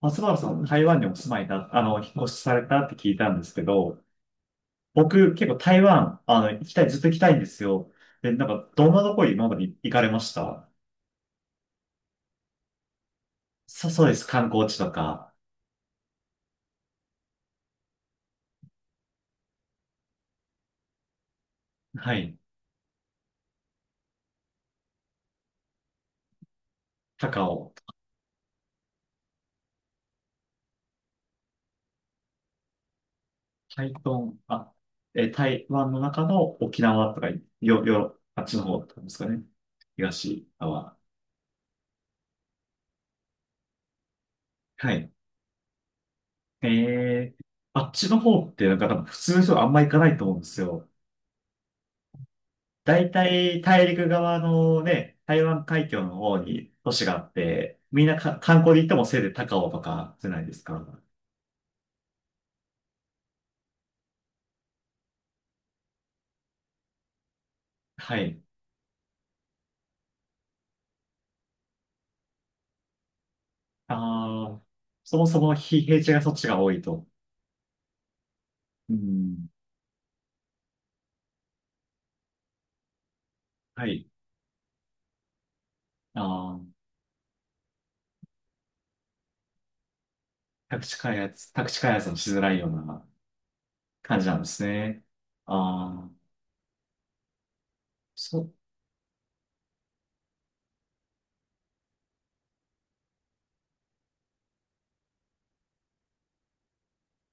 松原さん、台湾にお住まいだ、引っ越しされたって聞いたんですけど、僕、結構台湾、行きたい、ずっと行きたいんですよ。で、なんか、どんなとこ今まで行かれました？そうです。観光地とか、はい、高雄、台東、あ、え、台湾の中の沖縄とか、あっちの方とかですかね。東側。はい。えー、あっちの方って、なんか多分普通の人はあんま行かないと思うんですよ。大体大陸側のね、台湾海峡の方に都市があって、みんなか観光で行ってもせいぜい高雄とかじゃないですか。はい。ああ、そもそも非平地がそっちが多いと。うん。はい。ああ、宅地開発もしづらいような感じなんですね。ああ、そう、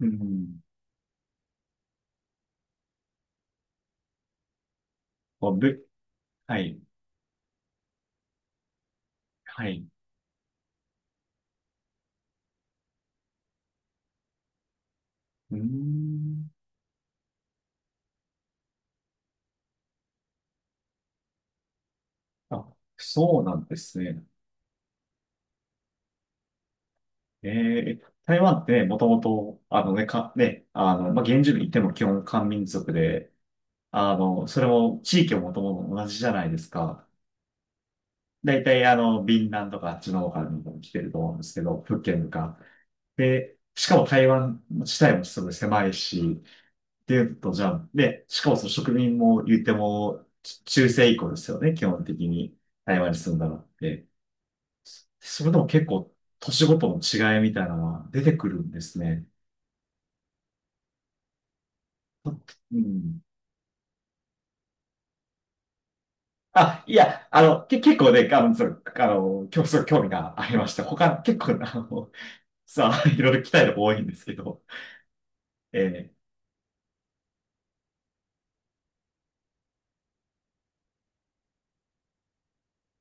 うん。あぶ、はい、はい。うーん。あ、そうなんですね。えー、台湾ってもともと、あのね、か、ね、まあ、原住民っても基本漢民族で、それも地域ももともと同じじゃないですか。だいたいビンランとかあっちの方から来てると思うんですけど、福建とか。で、しかも台湾自体もすごい狭いし、っていうと、じゃあ、で、しかもその植民も言っても、ち中世以降ですよね、基本的に台湾に住んだのって。それでも結構、年ごとの違いみたいなのは出てくるんですね。うん。あ、いや、け、結構ね、そう、競争興味がありまして、他、結構、さあ、いろいろ来たいの多いんですけど、え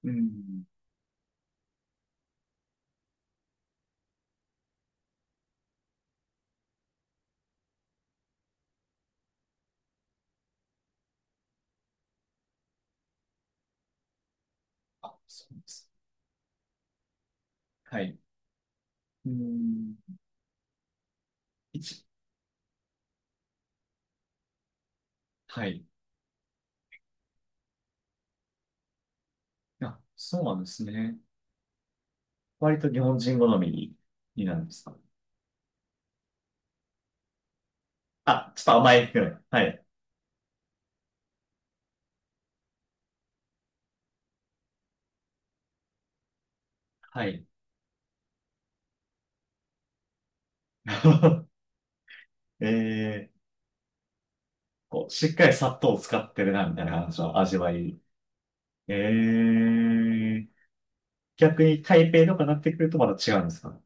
ー、うん。あ、そうです。はい。うん。一、はい。あ、そうなんですね。割と日本人好みになるんですか？あ、ちょっと甘いぐらい。はい。はい。えー、こう、しっかり砂糖を使ってるな、みたいな感じの味わい。えー、逆に台北とかになってくるとまた違うんですか？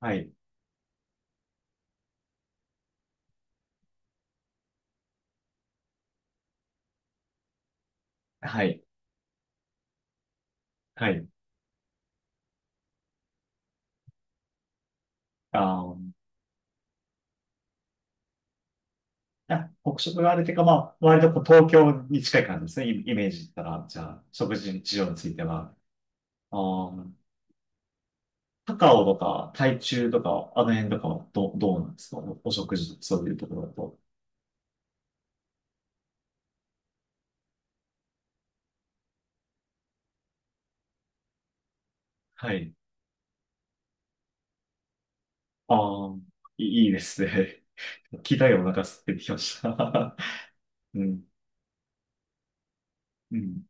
はい。はい。はい。あー、あ、北食があるというか、まあ、割とこう東京に近い感じですね。イイメージだったら、じゃあ、食事事情については。あー、高雄とか、台中とか、あの辺とかはど、どうなんですか？お食事、そういうところだと。はい。あー、いいいいですね。聞いたよ、お腹空いてきました。うん。うん。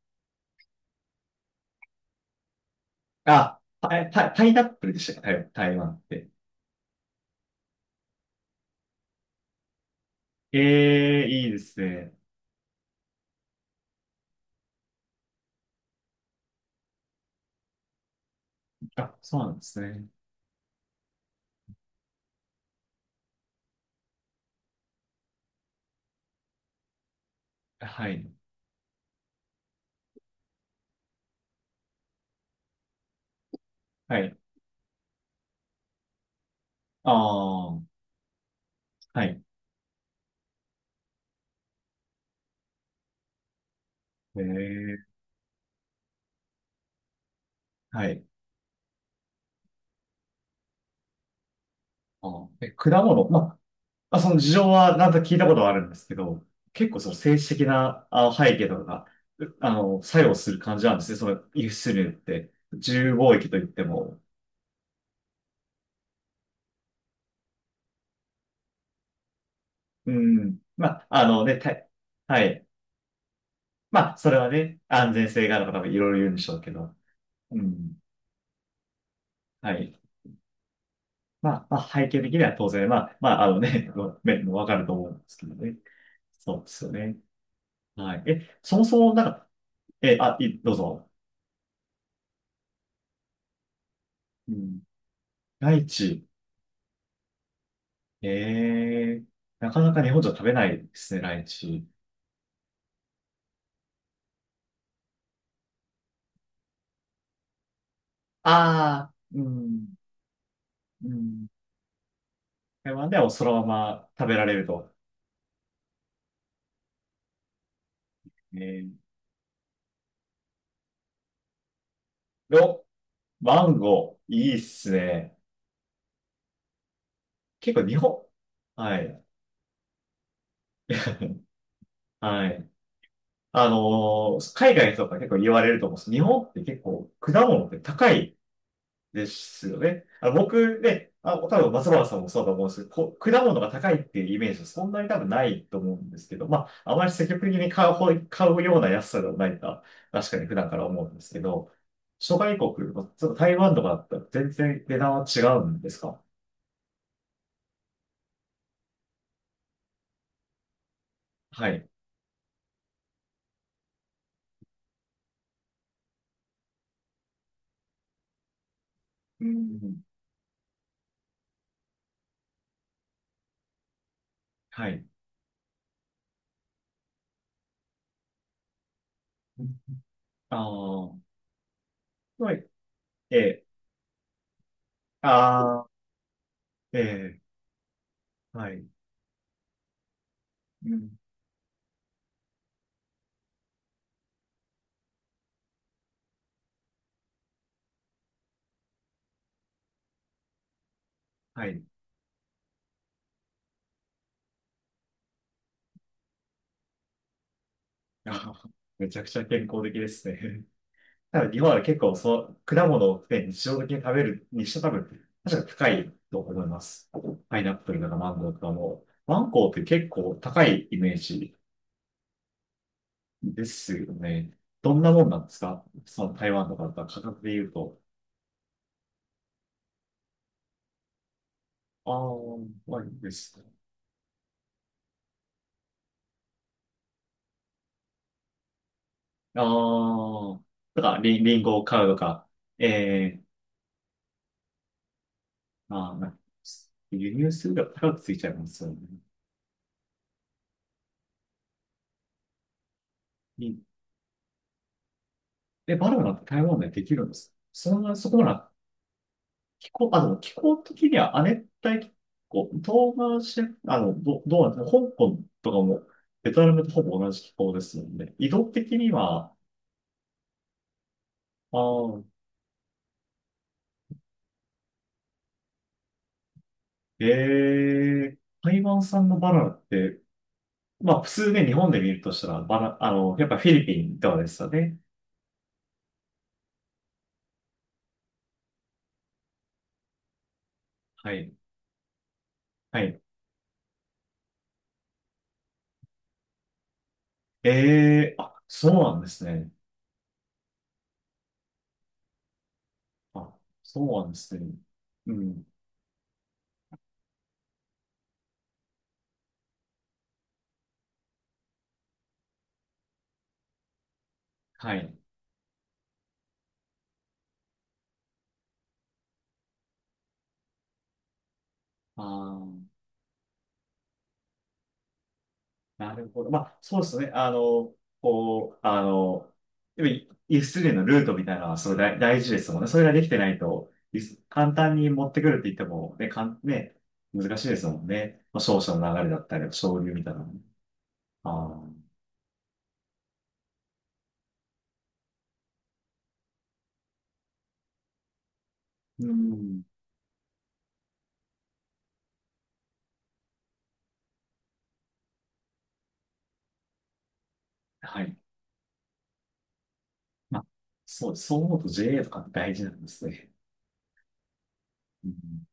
あ、パイナップルでしたか台台湾って？ええいいですね。あ、そうなんですね。はい。はい。ああ、はい。ええ、はい。あー、え、果物。まあ、あその事情はなんと聞いたことはあるんですけど、結構その政治的なあ背景とかが、うあの、作用する感じなんですね。その輸出入って、自由貿易といっても。うん。まあ、あのね、た、はい。まあ、それはね、安全性があるとかもいろいろ言うんでしょうけど。うん。はい。まあ、まあ、背景的には当然、まあ、まあ、あのね、面もわかると思うんですけどね。そうですよね。はい。え、そもそも、なんか、え、あ、い、どうぞ。うん。ライチ。ええなかなか日本じゃ食べないですね、ライチ。ああ、うん、うん。台湾ではそのまま食べられると。えー、お、マンゴー、いいっすね。結構日本。はい、はい。あのー海外とか結構言われると思うんです。日本って結構果物って高いですよね。あ、僕ね、あ、多分松原さんもそうだと思うんですけど、こ果物が高いっていうイメージはそんなに多分ないと思うんですけど、まあ、あまり積極的に買うような安さではないか、確かに普段から思うんですけど、諸外国、まあちょっと台湾とかだったら全然値段は違うんですか？はい。うん。はい。ああ、はい。ええ、ああ、ええ、はい。うんはい。あめちゃくちゃ健康的ですね。ただ日本は結構そう、果物を、ね、日常的に食べるにして多分、確か高いと思います。パイナップルとかマンゴーとかも。マンゴーって結構高いイメージですよね。どんなもんなんですかその台湾とかだったら価格で言うと。ああ、まあいいですね。ああ、だからリン、リンゴを買うとか、ええーまあ、な輸入するが高くついちゃいますよね。で、バナナって台湾でできるんです。そんな、そこな、気候、気候的には亜熱帯気候、東南シジア、ど、どうなんですか、香港とかも、ベトナムとほぼ同じ気候ですので、移動的には、あーええ台湾産のバナナって、まあ、普通ね、日本で見るとしたら、バナ、やっぱフィリピンとかですよね。はい。はい。ええあ、そうなんですね。あ、そうなんですね。うん。はい。ああ。なるほど。まあ、そうですね。あの、こう、あの、やっぱり輸出入のルートみたいなのはすごい大大事ですもんね。それができてないと、輸出簡単に持ってくるって言っても、ね、かん、ね、難しいですもんね。まあ、商社の流れだったり、商流みたいなのも。ああ、うん。はい。まあ、そう思うと JA とか大事なんですね。うん